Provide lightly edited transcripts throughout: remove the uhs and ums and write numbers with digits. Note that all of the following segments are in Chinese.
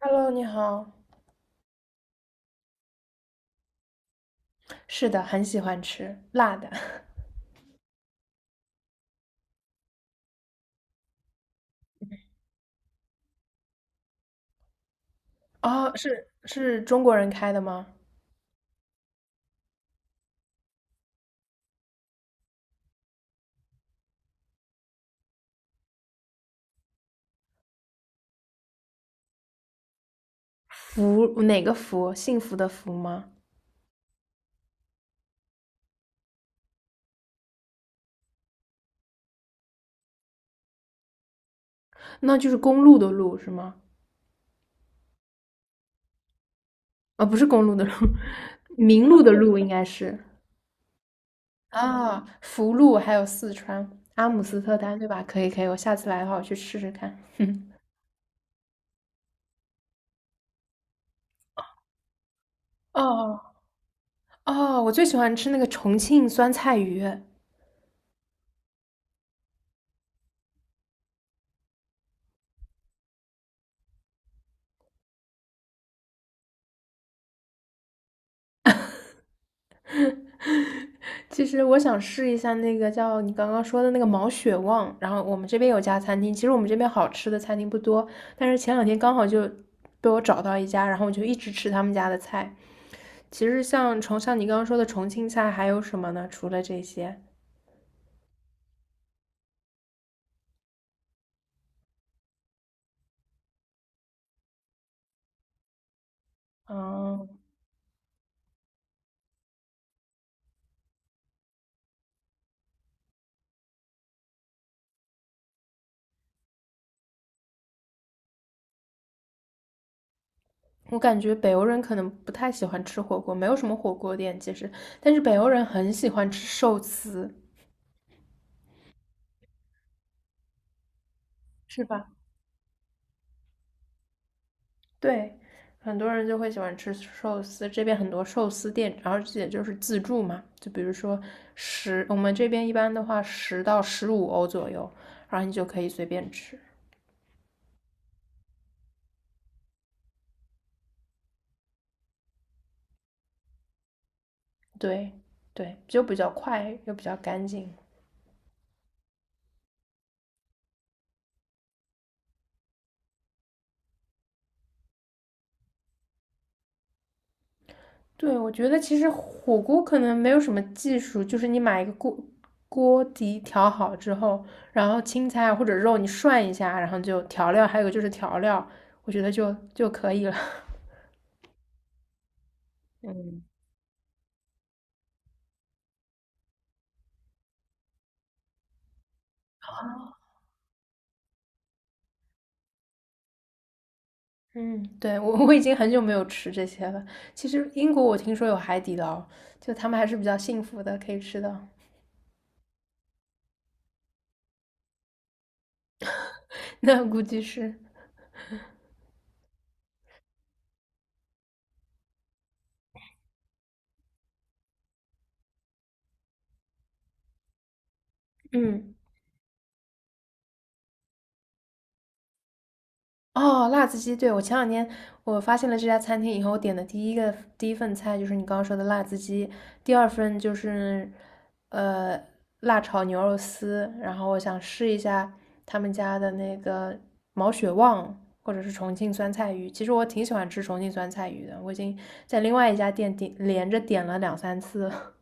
Hello，你好。是的，很喜欢吃辣的。哦，是中国人开的吗？福，哪个福？幸福的福吗？那就是公路的路是吗？啊、不是公路的路，明路的路应该是啊，福路还有四川阿姆斯特丹对吧？可以可以，我下次来的话我去试试看。哦哦，我最喜欢吃那个重庆酸菜鱼。其实我想试一下那个叫你刚刚说的那个毛血旺，然后我们这边有家餐厅，其实我们这边好吃的餐厅不多，但是前两天刚好就被我找到一家，然后我就一直吃他们家的菜。其实像像你刚刚说的重庆菜还有什么呢？除了这些，嗯，我感觉北欧人可能不太喜欢吃火锅，没有什么火锅店其实，但是北欧人很喜欢吃寿司，是吧？对，很多人就会喜欢吃寿司，这边很多寿司店，然后这也就是自助嘛，就比如说我们这边一般的话10到15欧左右，然后你就可以随便吃。对，对，就比较快又比较干净。对，我觉得其实火锅可能没有什么技术，就是你买一个锅，锅底调好之后，然后青菜或者肉你涮一下，然后就调料，还有就是调料，我觉得就可以了。嗯。嗯，对，我已经很久没有吃这些了。其实英国我听说有海底捞，就他们还是比较幸福的，可以吃的。那估计是，嗯。哦，辣子鸡，对，我前两天我发现了这家餐厅以后，我点的第一份菜就是你刚刚说的辣子鸡，第二份就是呃辣炒牛肉丝，然后我想试一下他们家的那个毛血旺或者是重庆酸菜鱼，其实我挺喜欢吃重庆酸菜鱼的，我已经在另外一家店连着点了两三次了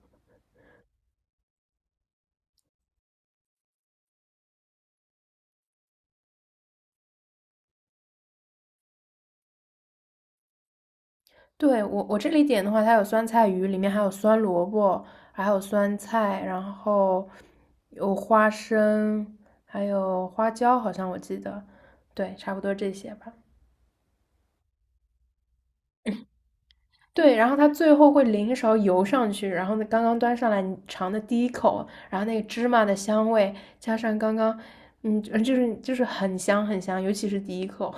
对，我这里点的话，它有酸菜鱼，里面还有酸萝卜，还有酸菜，然后有花生，还有花椒，好像我记得，对，差不多这些吧。对，然后它最后会淋一勺油上去，然后呢，刚刚端上来，你尝的第一口，然后那个芝麻的香味，加上刚刚，嗯，就是很香很香，尤其是第一口。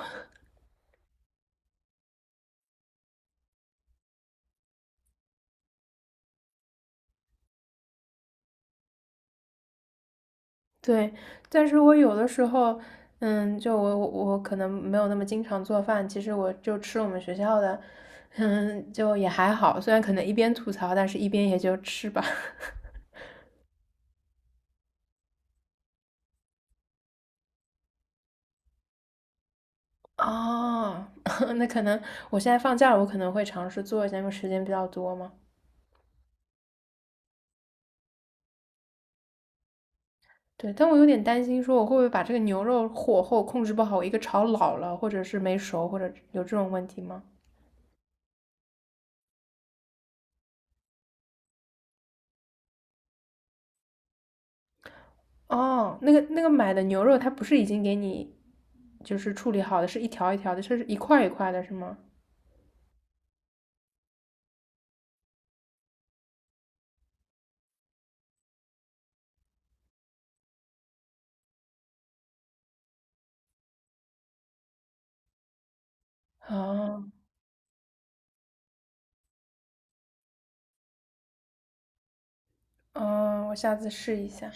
对，但是我有的时候，就我可能没有那么经常做饭，其实我就吃我们学校的，就也还好，虽然可能一边吐槽，但是一边也就吃吧。哦，那可能我现在放假了，我可能会尝试做一下，因为时间比较多嘛。对，但我有点担心，说我会不会把这个牛肉火候控制不好，我一个炒老了，或者是没熟，或者有这种问题吗？哦，那个买的牛肉，它不是已经给你就是处理好的，是一条一条的，是一块一块的，是吗？哦，嗯，我下次试一下。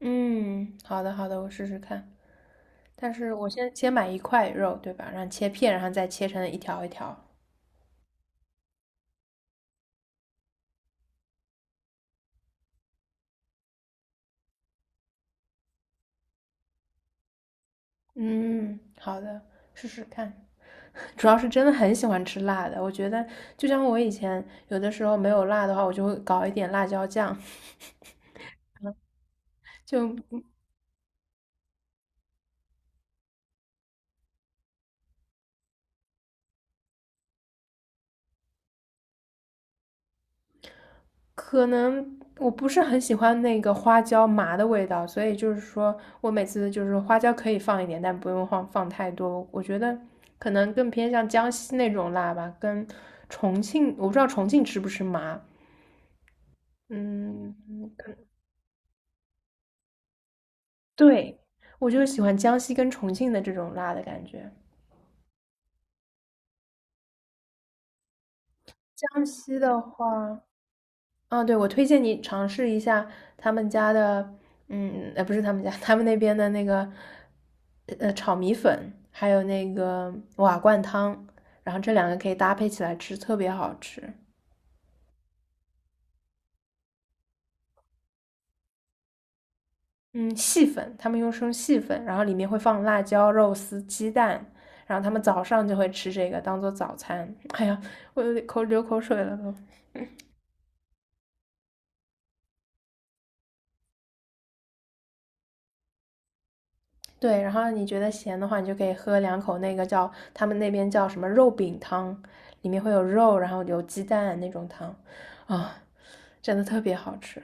嗯，好的，好的，我试试看。但是我先买一块肉，对吧？然后切片，然后再切成一条一条。嗯，好的，试试看。主要是真的很喜欢吃辣的，我觉得就像我以前有的时候没有辣的话，我就会搞一点辣椒酱，就可能我不是很喜欢那个花椒麻的味道，所以就是说我每次就是花椒可以放一点，但不用放太多。我觉得可能更偏向江西那种辣吧，跟重庆，我不知道重庆吃不吃麻。嗯，对，我就喜欢江西跟重庆的这种辣的感觉。江西的话，啊，对，我推荐你尝试一下他们家的，不是他们家，他们那边的那个，炒米粉，还有那个瓦罐汤，然后这两个可以搭配起来吃，特别好吃。嗯，细粉，他们用生细粉，然后里面会放辣椒、肉丝、鸡蛋，然后他们早上就会吃这个当做早餐。哎呀，我有点流口水了都。对，然后你觉得咸的话，你就可以喝两口那个叫他们那边叫什么肉饼汤，里面会有肉，然后有鸡蛋那种汤，啊，真的特别好吃。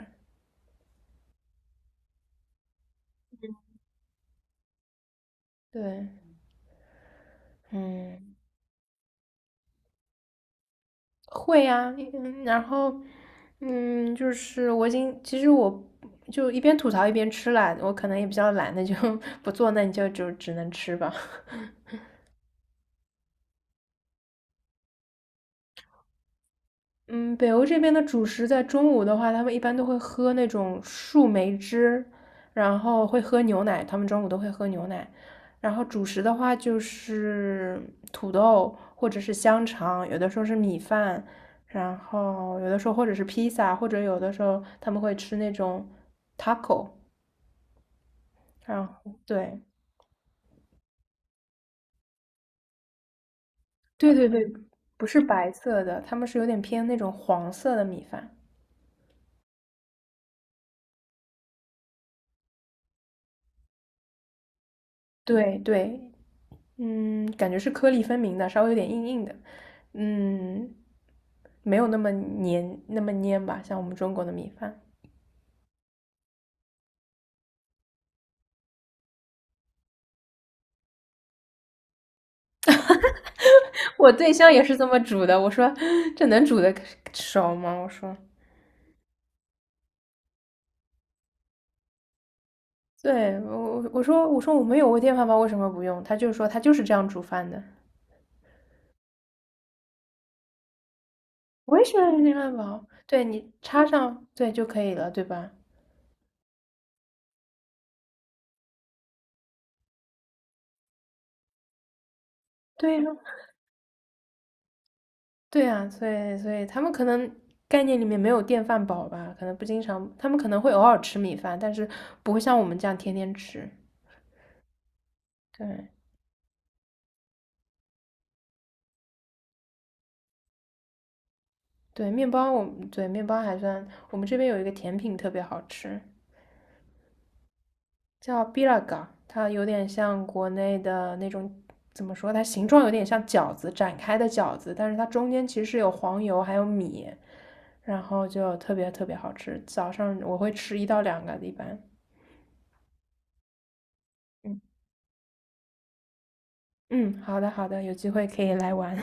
对，嗯，会呀，然后，就是我已经，其实我就一边吐槽一边吃啦，我可能也比较懒，那就 不做，那你就只能吃吧。嗯，北欧这边的主食在中午的话，他们一般都会喝那种树莓汁，然后会喝牛奶，他们中午都会喝牛奶。然后主食的话就是土豆或者是香肠，有的时候是米饭，然后有的时候或者是披萨，或者有的时候他们会吃那种 taco，然后对对对对，不是白色的，他们是有点偏那种黄色的米饭。对对，感觉是颗粒分明的，稍微有点硬硬的，嗯，没有那么黏那么粘吧，像我们中国的米饭。我对象也是这么煮的，我说这能煮的熟吗？我说，对我说，我没有微电饭煲，为什么不用？他就说他就是这样煮饭的。我也喜欢用电饭煲，对你插上对就可以了，对吧？对呀、对啊，所以他们可能概念里面没有电饭煲吧，可能不经常，他们可能会偶尔吃米饭，但是不会像我们这样天天吃。对对，面包我们对面包还算，我们这边有一个甜品特别好吃，叫 bilaga，它有点像国内的那种，怎么说？它形状有点像饺子展开的饺子，但是它中间其实是有黄油还有米，然后就特别特别好吃。早上我会吃一到两个一般。嗯嗯，好的好的，有机会可以来玩。